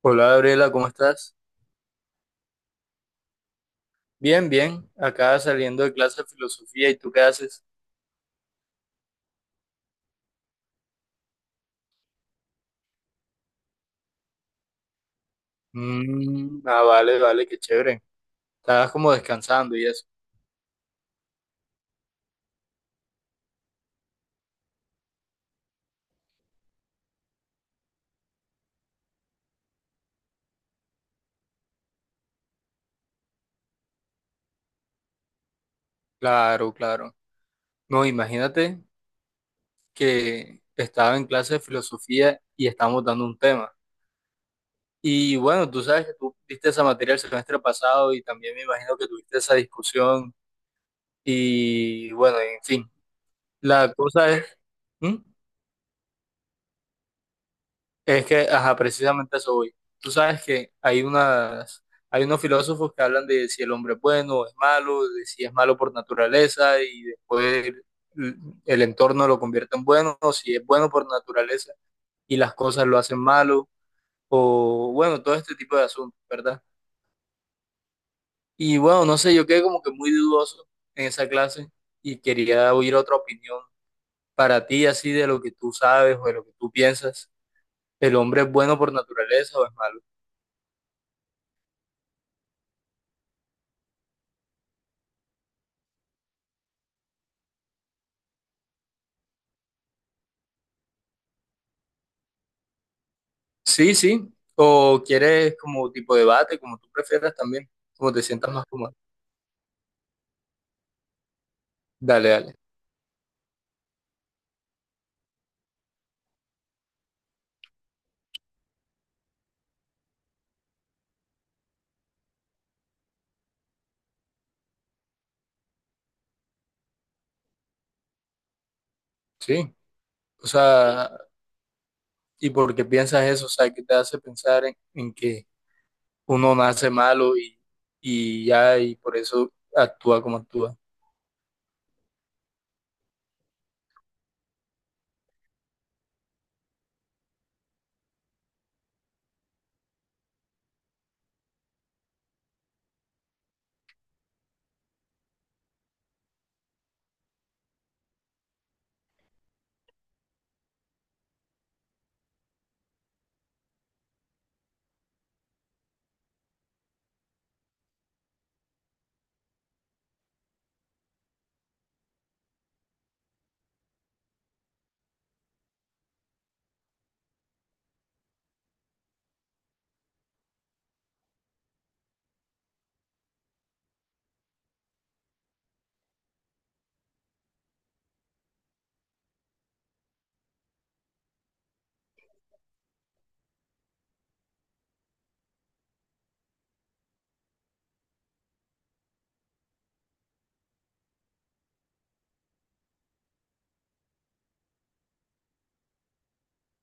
Hola Gabriela, ¿cómo estás? Bien, bien. Acá saliendo de clase de filosofía, ¿y tú qué haces? Mm, ah, vale, vale, qué chévere. Estabas como descansando y eso. Claro, claro. No, imagínate que estaba en clase de filosofía y estábamos dando un tema. Y bueno, tú sabes que tú viste esa materia el semestre pasado y también me imagino que tuviste esa discusión. Y bueno, en fin, la cosa es... ¿Mm? Es que, ajá, precisamente a eso voy. Tú sabes que hay unos filósofos que hablan de si el hombre es bueno o es malo, de si es malo por naturaleza y después el entorno lo convierte en bueno, o si es bueno por naturaleza y las cosas lo hacen malo, o bueno, todo este tipo de asuntos, ¿verdad? Y bueno, no sé, yo quedé como que muy dudoso en esa clase y quería oír otra opinión para ti, así de lo que tú sabes o de lo que tú piensas. ¿El hombre es bueno por naturaleza o es malo? Sí, sí. O quieres como tipo debate, como tú prefieras también, como te sientas más cómodo. Dale, dale. Sí. O sea, ¿y por qué piensas eso? O sea, ¿qué te hace pensar en que uno nace malo y ya, y por eso actúa como actúa?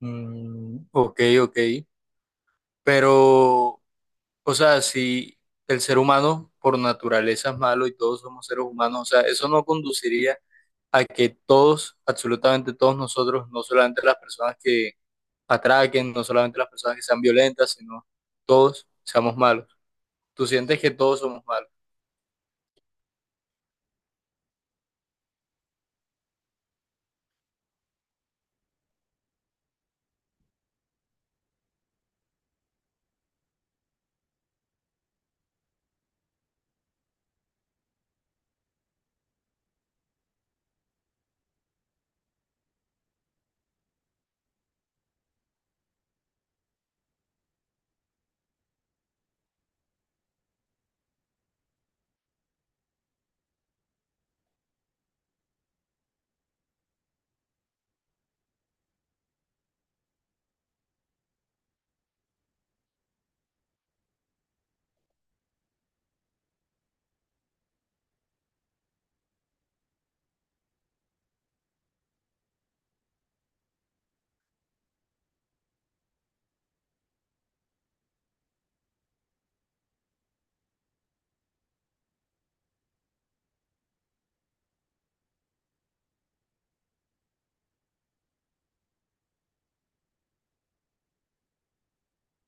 Mm, ok, ok. Pero, o sea, si el ser humano por naturaleza es malo y todos somos seres humanos, o sea, eso no conduciría a que todos, absolutamente todos nosotros, no solamente las personas que atraquen, no solamente las personas que sean violentas, sino todos seamos malos. Tú sientes que todos somos malos.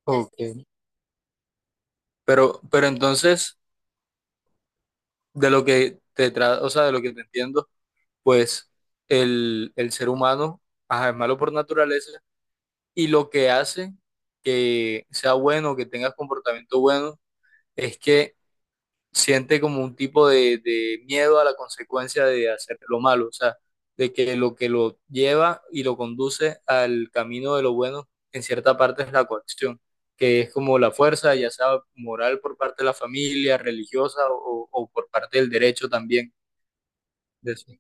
Así ok. Pero entonces, de lo que te tra- o sea, de lo que te entiendo, pues el ser humano, ajá, es malo por naturaleza, y lo que hace que sea bueno, que tengas comportamiento bueno, es que siente como un tipo de miedo a la consecuencia de hacer lo malo, o sea, de que lo lleva y lo conduce al camino de lo bueno, en cierta parte es la coacción, que es como la fuerza, ya sea moral por parte de la familia, religiosa o por parte del derecho también. De- eso.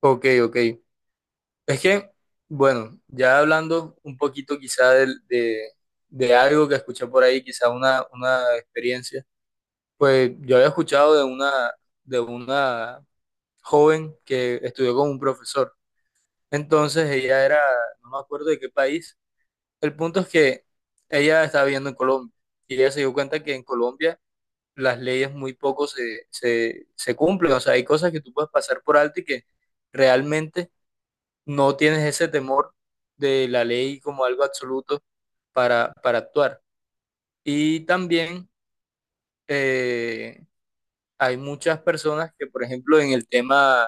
Ok, ok. Es que, bueno, ya hablando un poquito quizá del- de algo que escuché por ahí, quizá una experiencia, pues yo había escuchado de una joven que estudió con un profesor. Entonces ella era, no me acuerdo de qué país. El punto es que ella estaba viviendo en Colombia y ella se dio cuenta que en Colombia las leyes muy poco se cumplen. O sea, hay cosas que tú puedes pasar por alto y que realmente no tienes ese temor de la ley como algo absoluto para actuar. Y también eh, hay muchas personas que, por ejemplo,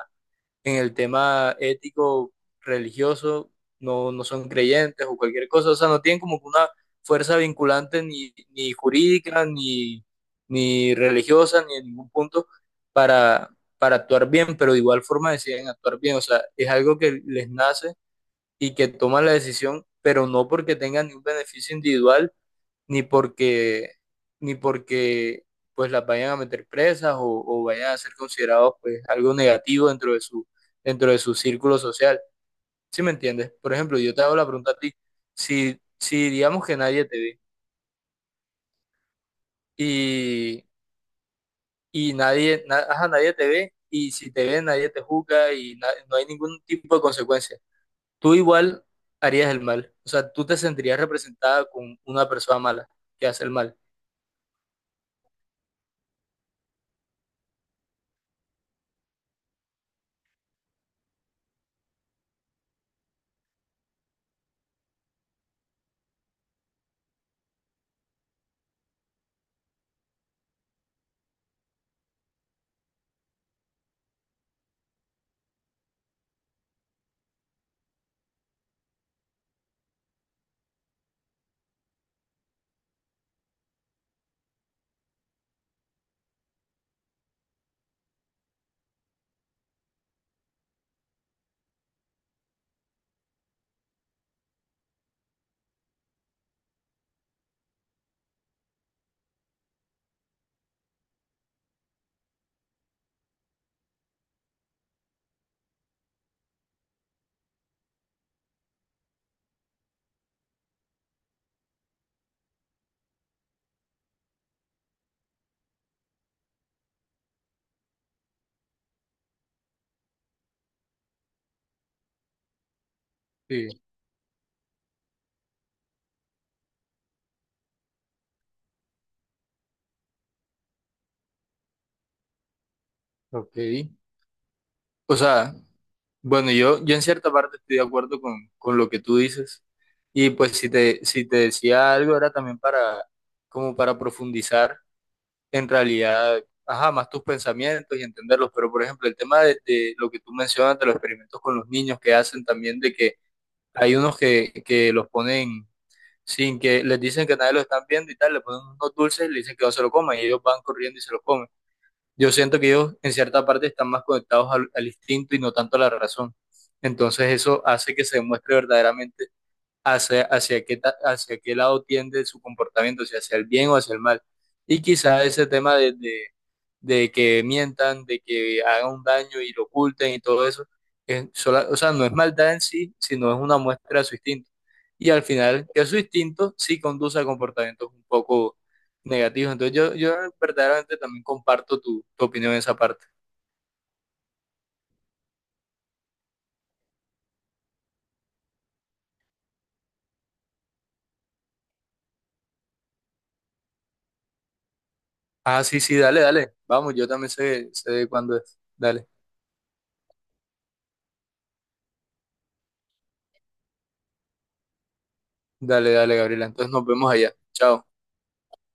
en el tema ético religioso, no, no son creyentes o cualquier cosa, o sea, no tienen como que una fuerza vinculante ni jurídica, ni, ni religiosa, ni en ningún punto para, para actuar bien, pero de igual forma deciden actuar bien, o sea, es algo que les nace y que toman la decisión, pero no porque tengan ningún beneficio individual, ni porque, ni porque pues las vayan a meter presas o vayan a ser considerados pues algo negativo dentro de su círculo social. ¿Sí me entiendes? Por ejemplo, yo te hago la pregunta a ti, si digamos que nadie te ve y, y nadie, na- ajá, nadie te ve y si te ve nadie te juzga y na- no hay ningún tipo de consecuencia. Tú igual harías el mal. O sea, tú te sentirías representada con una persona mala que hace el mal. Sí, ok. O sea, bueno, yo en cierta parte estoy de acuerdo con lo que tú dices. Y pues si te, si te decía algo era también para, como para profundizar en realidad, ajá, más tus pensamientos y entenderlos. Pero por ejemplo, el tema de lo que tú mencionas de los experimentos con los niños que hacen también de que hay unos que los ponen sin que les dicen que nadie lo están viendo y tal, le ponen unos dulces, le dicen que no se lo coman y ellos van corriendo y se lo comen. Yo siento que ellos en cierta parte están más conectados al instinto y no tanto a la razón. Entonces eso hace que se demuestre verdaderamente hacia, hacia qué, ta- hacia qué lado tiende su comportamiento, si hacia el bien o hacia el mal. Y quizá ese tema de que mientan, de que hagan un daño y lo oculten y todo eso, es sola- o sea, no es maldad en sí, sino es una muestra de su instinto. Y al final, que su instinto sí conduce a comportamientos un poco negativos. Entonces yo verdaderamente también comparto tu, tu opinión en esa parte. Ah, sí, sí, dale, dale. Vamos, yo también sé, sé cuándo es. Dale, dale, dale, Gabriela. Entonces nos vemos allá. Chao.